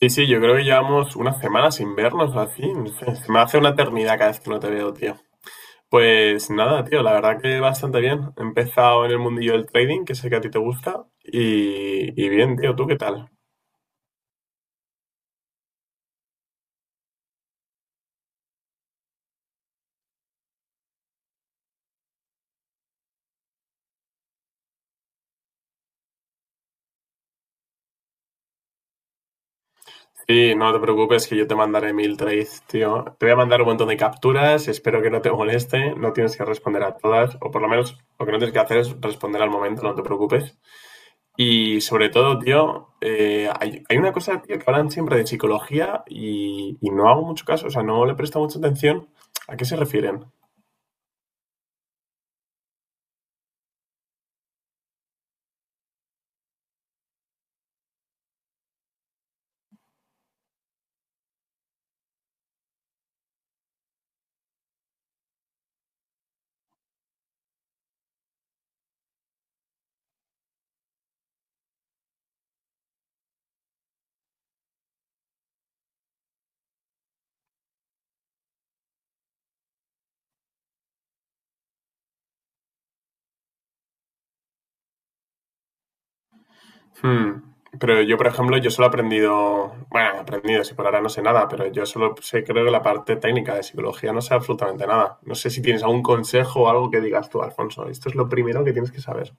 Sí, sí, yo creo que llevamos unas semanas sin vernos o así. No sé, se me hace una eternidad cada vez que no te veo, tío. Pues nada, tío, la verdad que bastante bien. He empezado en el mundillo del trading, que sé que a ti te gusta. Y bien, tío, ¿tú qué tal? Sí, no te preocupes que yo te mandaré mil trades, tío. Te voy a mandar un montón de capturas, espero que no te moleste. No tienes que responder a todas, o por lo menos lo que no tienes que hacer es responder al momento, no te preocupes. Y sobre todo, tío, hay una cosa, tío, que hablan siempre de psicología y no hago mucho caso, o sea, no le presto mucha atención. ¿A qué se refieren? Hmm. Pero yo, por ejemplo, yo solo he aprendido, bueno, he aprendido, si por ahora no sé nada, pero yo solo sé, creo que la parte técnica de psicología no sé absolutamente nada. No sé si tienes algún consejo o algo que digas tú, Alfonso, esto es lo primero que tienes que saber.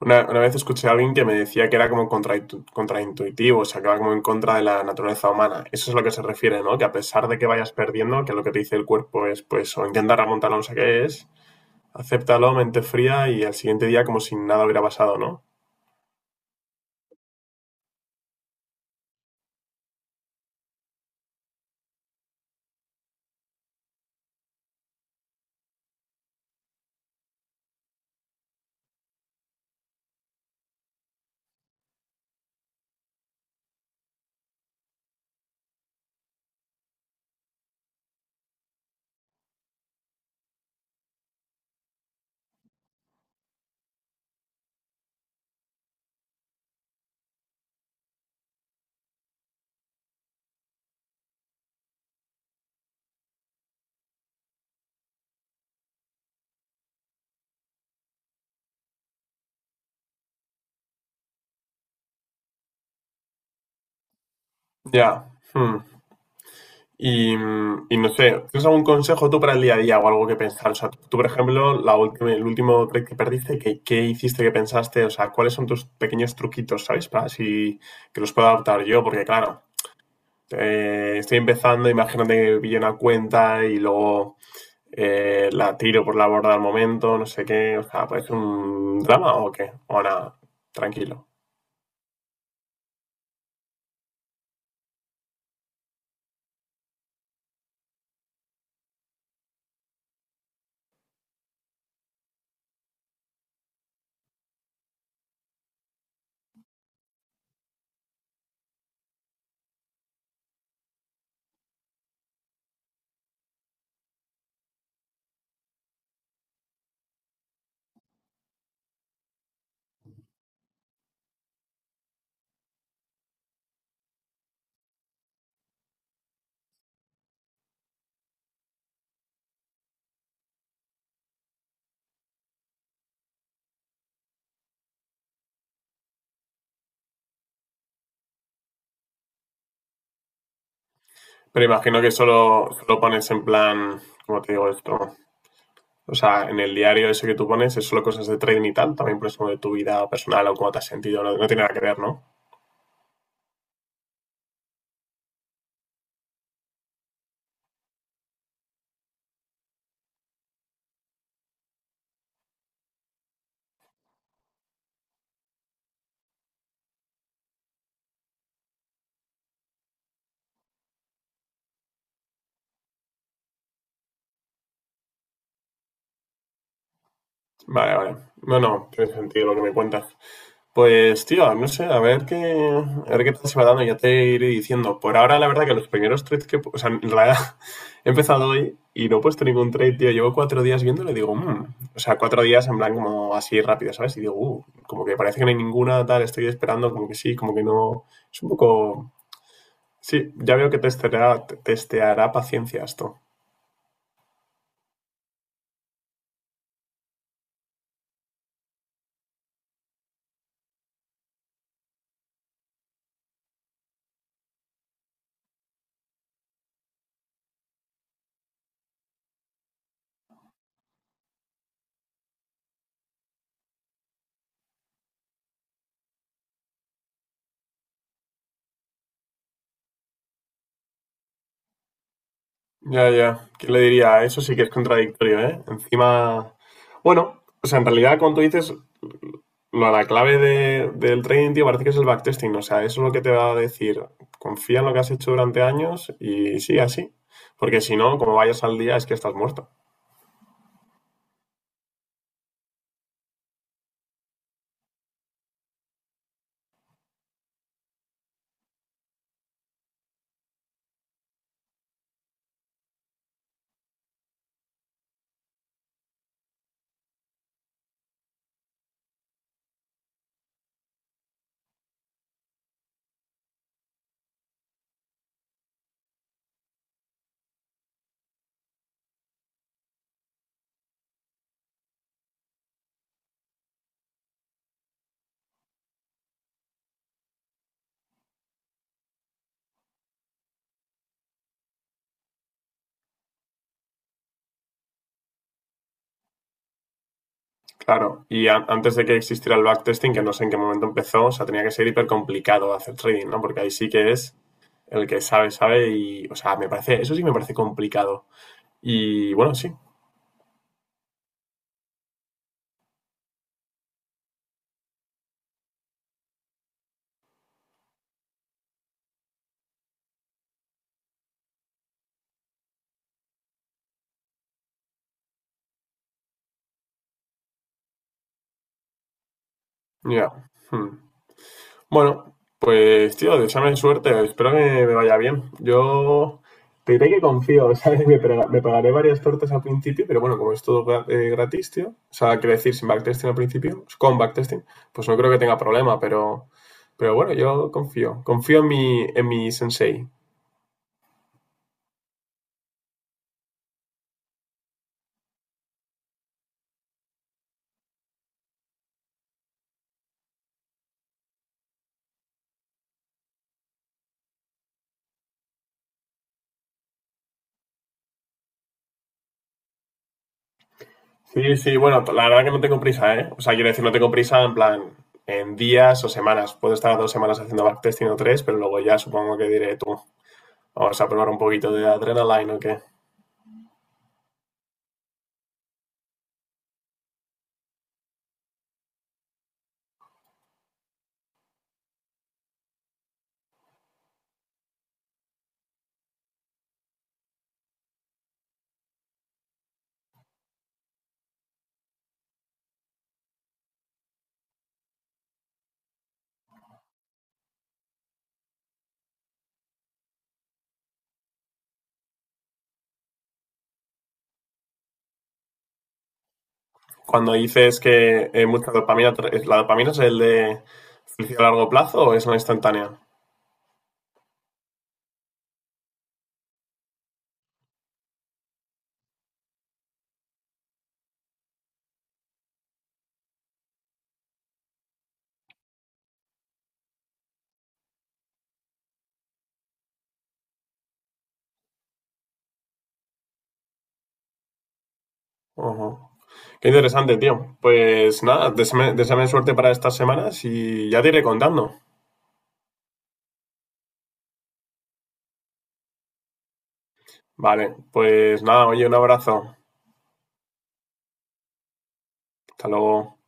Una vez escuché a alguien que me decía que era como contraintuitivo, o sea, que va como en contra de la naturaleza humana. Eso es a lo que se refiere, ¿no? Que a pesar de que vayas perdiendo, que lo que te dice el cuerpo es, pues, o intenta remontarlo, no sé qué es, acéptalo, mente fría y al siguiente día como si nada hubiera pasado, ¿no? Ya. Hmm. Y no sé, ¿tienes algún consejo tú para el día a día o algo que pensar? O sea, tú, por ejemplo, la última, el último trade que perdiste, ¿qué hiciste, qué pensaste? O sea, ¿cuáles son tus pequeños truquitos, ¿sabes? Para así que los pueda adaptar yo, porque claro. Estoy empezando, imagínate que pillo una cuenta y luego la tiro por la borda al momento, no sé qué, o sea, ¿puede ser un drama o qué? O nada, tranquilo. Pero imagino que solo pones en plan, ¿cómo te digo esto? O sea, en el diario ese que tú pones es solo cosas de trading y tal, también pones como de tu vida personal o cómo te has sentido, no, no tiene nada que ver, ¿no? Vale, vale. No, no, tiene sentido lo que me cuentas. Pues, tío, no sé, a ver qué tal se va dando, ya te iré diciendo. Por ahora, la verdad que los primeros trades que... O sea, en realidad he empezado hoy y no he puesto ningún trade, tío. Llevo 4 días viéndolo y digo, "Mm". O sea, 4 días en plan como así rápido, ¿sabes? Y digo, como que parece que no hay ninguna, tal, estoy esperando, como que sí, como que no". Es un poco... Sí, ya veo que te testeará paciencia esto. Ya, ya. ¿Qué le diría? Eso sí que es contradictorio, ¿eh? Encima. Bueno, o sea, en realidad, cuando tú dices, lo, la clave del trading, tío, parece que es el backtesting. O sea, eso es lo que te va a decir. Confía en lo que has hecho durante años y sigue así. Porque si no, como vayas al día, es que estás muerto. Claro. Antes de que existiera el backtesting, que no sé en qué momento empezó, o sea, tenía que ser hiper complicado hacer trading, ¿no? Porque ahí sí que es el que sabe, sabe y. O sea, me parece. Eso sí me parece complicado. Y bueno, sí. Ya. Hmm. Bueno, pues tío, deseame suerte, espero que me vaya bien. Yo te diré que confío, ¿sabes? Me pagaré varias tortas al principio, pero bueno, como es todo gratis, tío, o sea, quiero decir, sin backtesting al principio, con backtesting, pues no creo que tenga problema, pero bueno, yo confío en mi sensei. Sí, sí, bueno, la verdad que no tengo prisa, ¿eh? O sea, quiero decir, no tengo prisa en plan en días o semanas. Puedo estar 2 semanas haciendo backtesting o tres, pero luego ya supongo que diré tú, vamos a probar un poquito de adrenaline o qué. Cuando dices que mucha dopamina, ¿la dopamina es el de felicidad a largo plazo o es una instantánea? Ujú. Qué interesante, tío. Pues nada, deséame suerte para estas semanas y ya te iré contando. Vale, pues nada, oye, un abrazo. Hasta luego.